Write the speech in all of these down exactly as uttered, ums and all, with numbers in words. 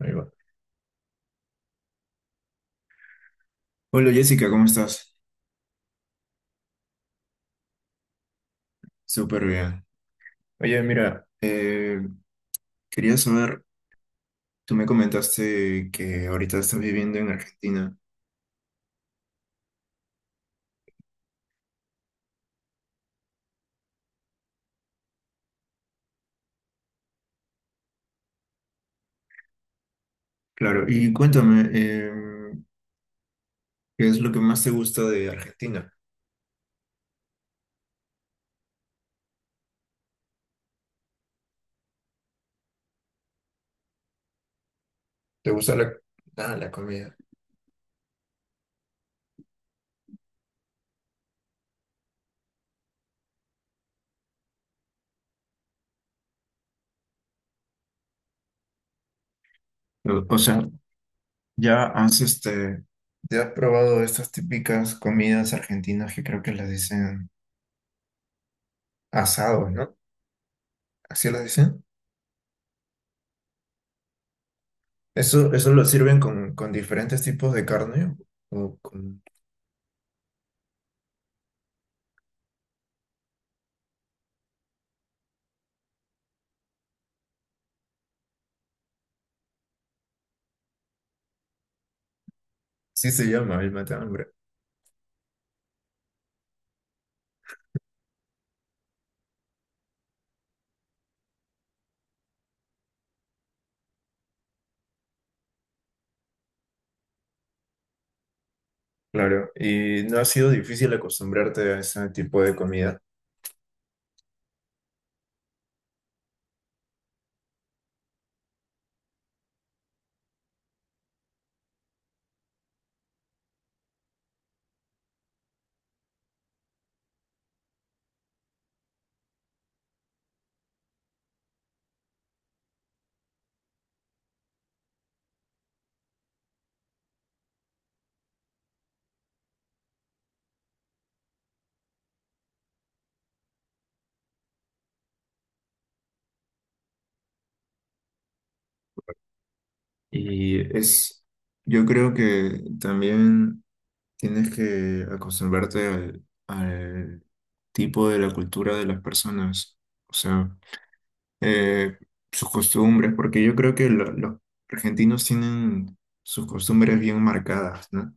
Ahí va. Hola Jessica, ¿cómo estás? Súper bien. Oye, mira, eh, quería saber, tú me comentaste que ahorita estás viviendo en Argentina. Claro, y cuéntame, eh, ¿qué es lo que más te gusta de Argentina? ¿Te gusta la, ah, la comida? O, o sea, ¿ya has este, ya has probado estas típicas comidas argentinas que creo que las dicen asados, ¿no? ¿Así las dicen? ¿Eso, eso lo sirven con, con diferentes tipos de carne? o con... Sí, se llama el mate hambre. Claro, y no ha sido difícil acostumbrarte a ese tipo de comida. Y es, yo creo que también tienes que acostumbrarte al, al tipo de la cultura de las personas, o sea, eh, sus costumbres, porque yo creo que lo- los argentinos tienen sus costumbres bien marcadas, ¿no? O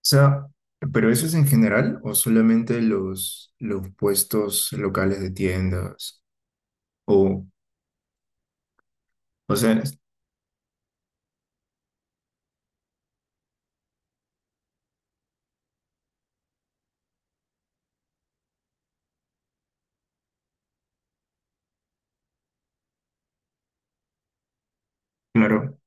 sea, pero eso es en general o solamente los, los puestos locales de tiendas. O, o sea, claro,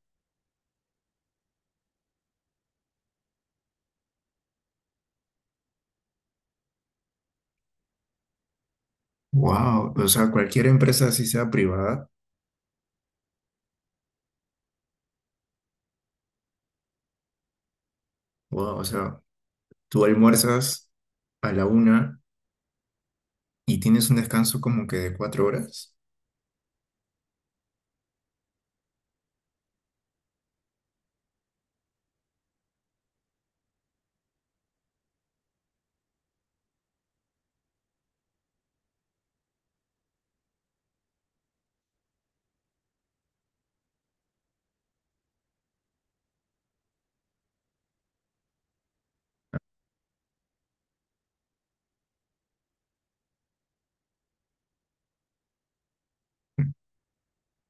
wow, o sea, cualquier empresa, así sea privada, wow, o sea, tú almuerzas a la una y tienes un descanso como que de cuatro horas,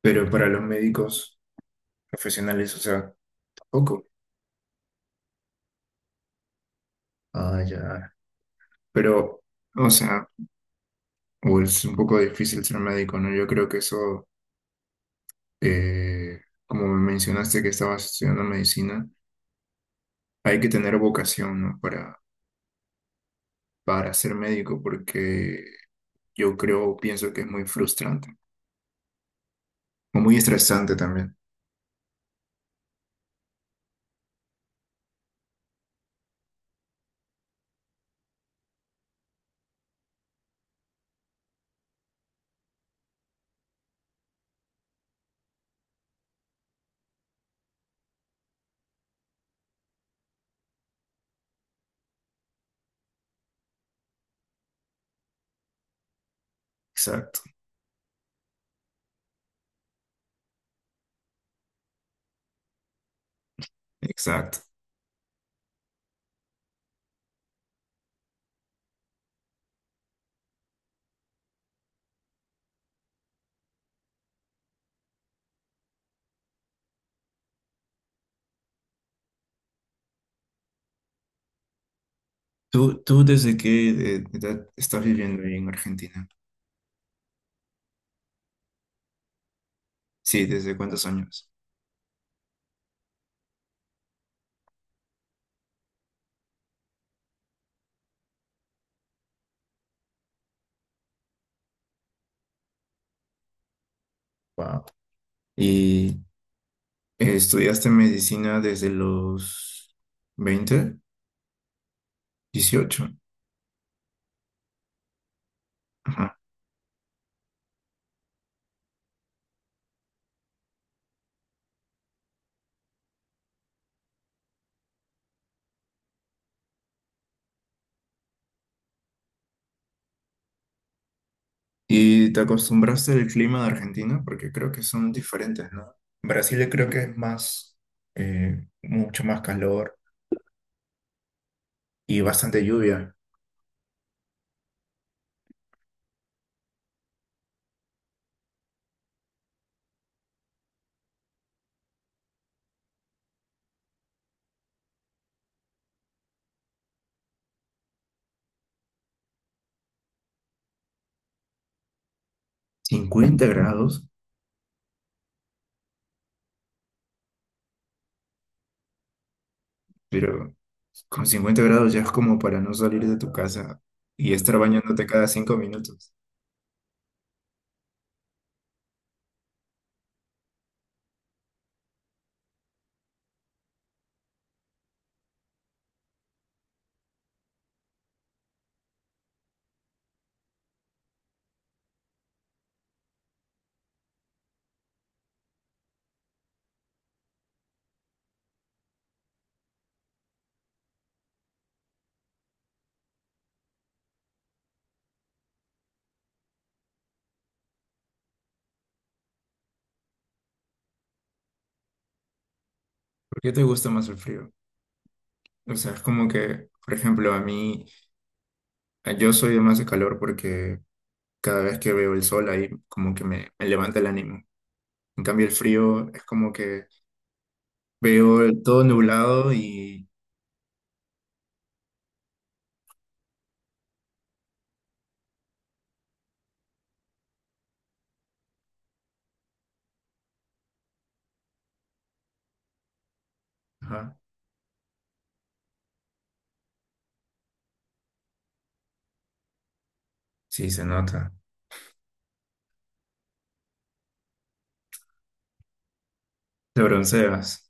pero para los médicos profesionales, o sea, poco. Ah, ya. Pero, o sea, o es un poco difícil ser médico, ¿no? Yo creo que eso, eh, como me mencionaste que estabas estudiando medicina, hay que tener vocación, ¿no? Para, para ser médico, porque yo creo, pienso que es muy frustrante, o muy estresante también. Exacto, exacto. ¿Tú, tú desde qué eh, edad estás viviendo ahí en Argentina? Sí, ¿desde cuántos años? Wow. ¿Y eh, estudiaste medicina desde los veinte, dieciocho? Ajá. ¿Y te acostumbraste al clima de Argentina? Porque creo que son diferentes, ¿no? Brasil creo que es más, eh, mucho más calor y bastante lluvia. ¿Cincuenta grados? Pero con cincuenta grados ya es como para no salir de tu casa y estar bañándote cada cinco minutos. ¿Por qué te gusta más el frío? O sea, es como que, por ejemplo, a mí, a- yo soy de más de calor porque cada vez que veo el sol ahí como que me, me levanta el ánimo. En cambio, el frío es como que veo el- todo nublado y... Ajá, sí, se nota. Te bronceas.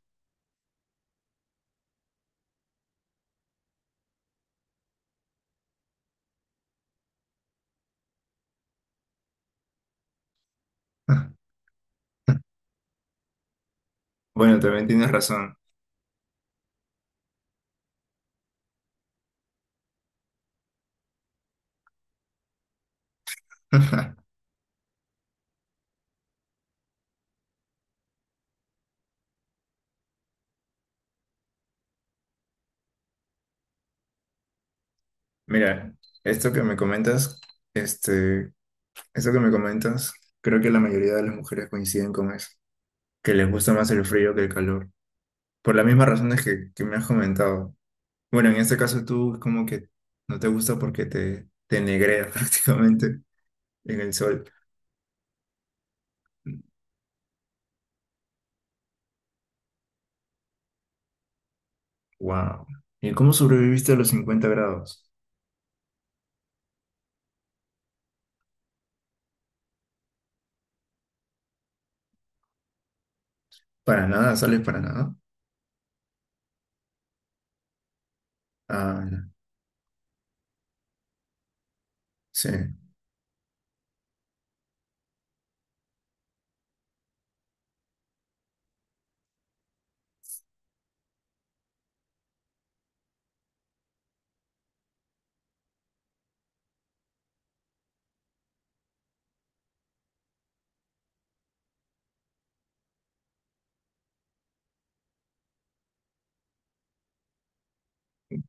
Bueno, también tienes razón. Mira, esto que me comentas, este, eso que me comentas, creo que la mayoría de las mujeres coinciden con eso, que les gusta más el frío que el calor, por las mismas razones que que me has comentado. Bueno, en este caso tú como que no te gusta porque te, te negrea prácticamente en el sol. Wow. ¿Y cómo sobreviviste a los cincuenta grados? Para nada, sales para nada. Ah, no. Sí,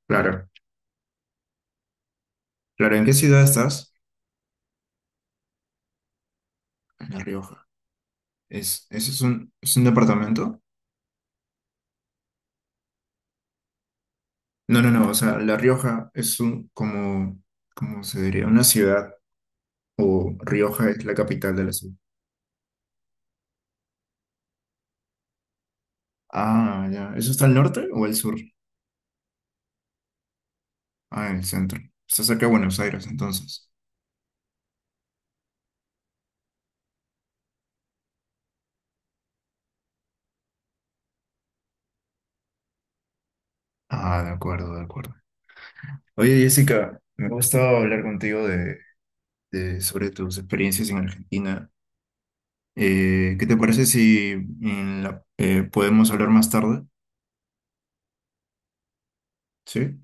claro. Claro, ¿en qué ciudad estás? En La Rioja. ¿Es, ese es un, es un departamento? No, no, no, o sea, La Rioja es un, como, ¿cómo se diría? Una ciudad, o Rioja es la capital de la ciudad. Ah, ya, ¿eso está al norte o al sur? Ah, en el centro. Está cerca de Buenos Aires, entonces. Ah, de acuerdo, de acuerdo. Oye, Jessica, me ha gustado hablar contigo de, de- sobre tus experiencias en Argentina. Eh, ¿qué te parece si en la- eh, podemos hablar más tarde? Sí.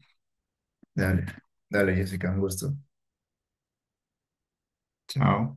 Dale, dale, Jessica, un gusto. Chao.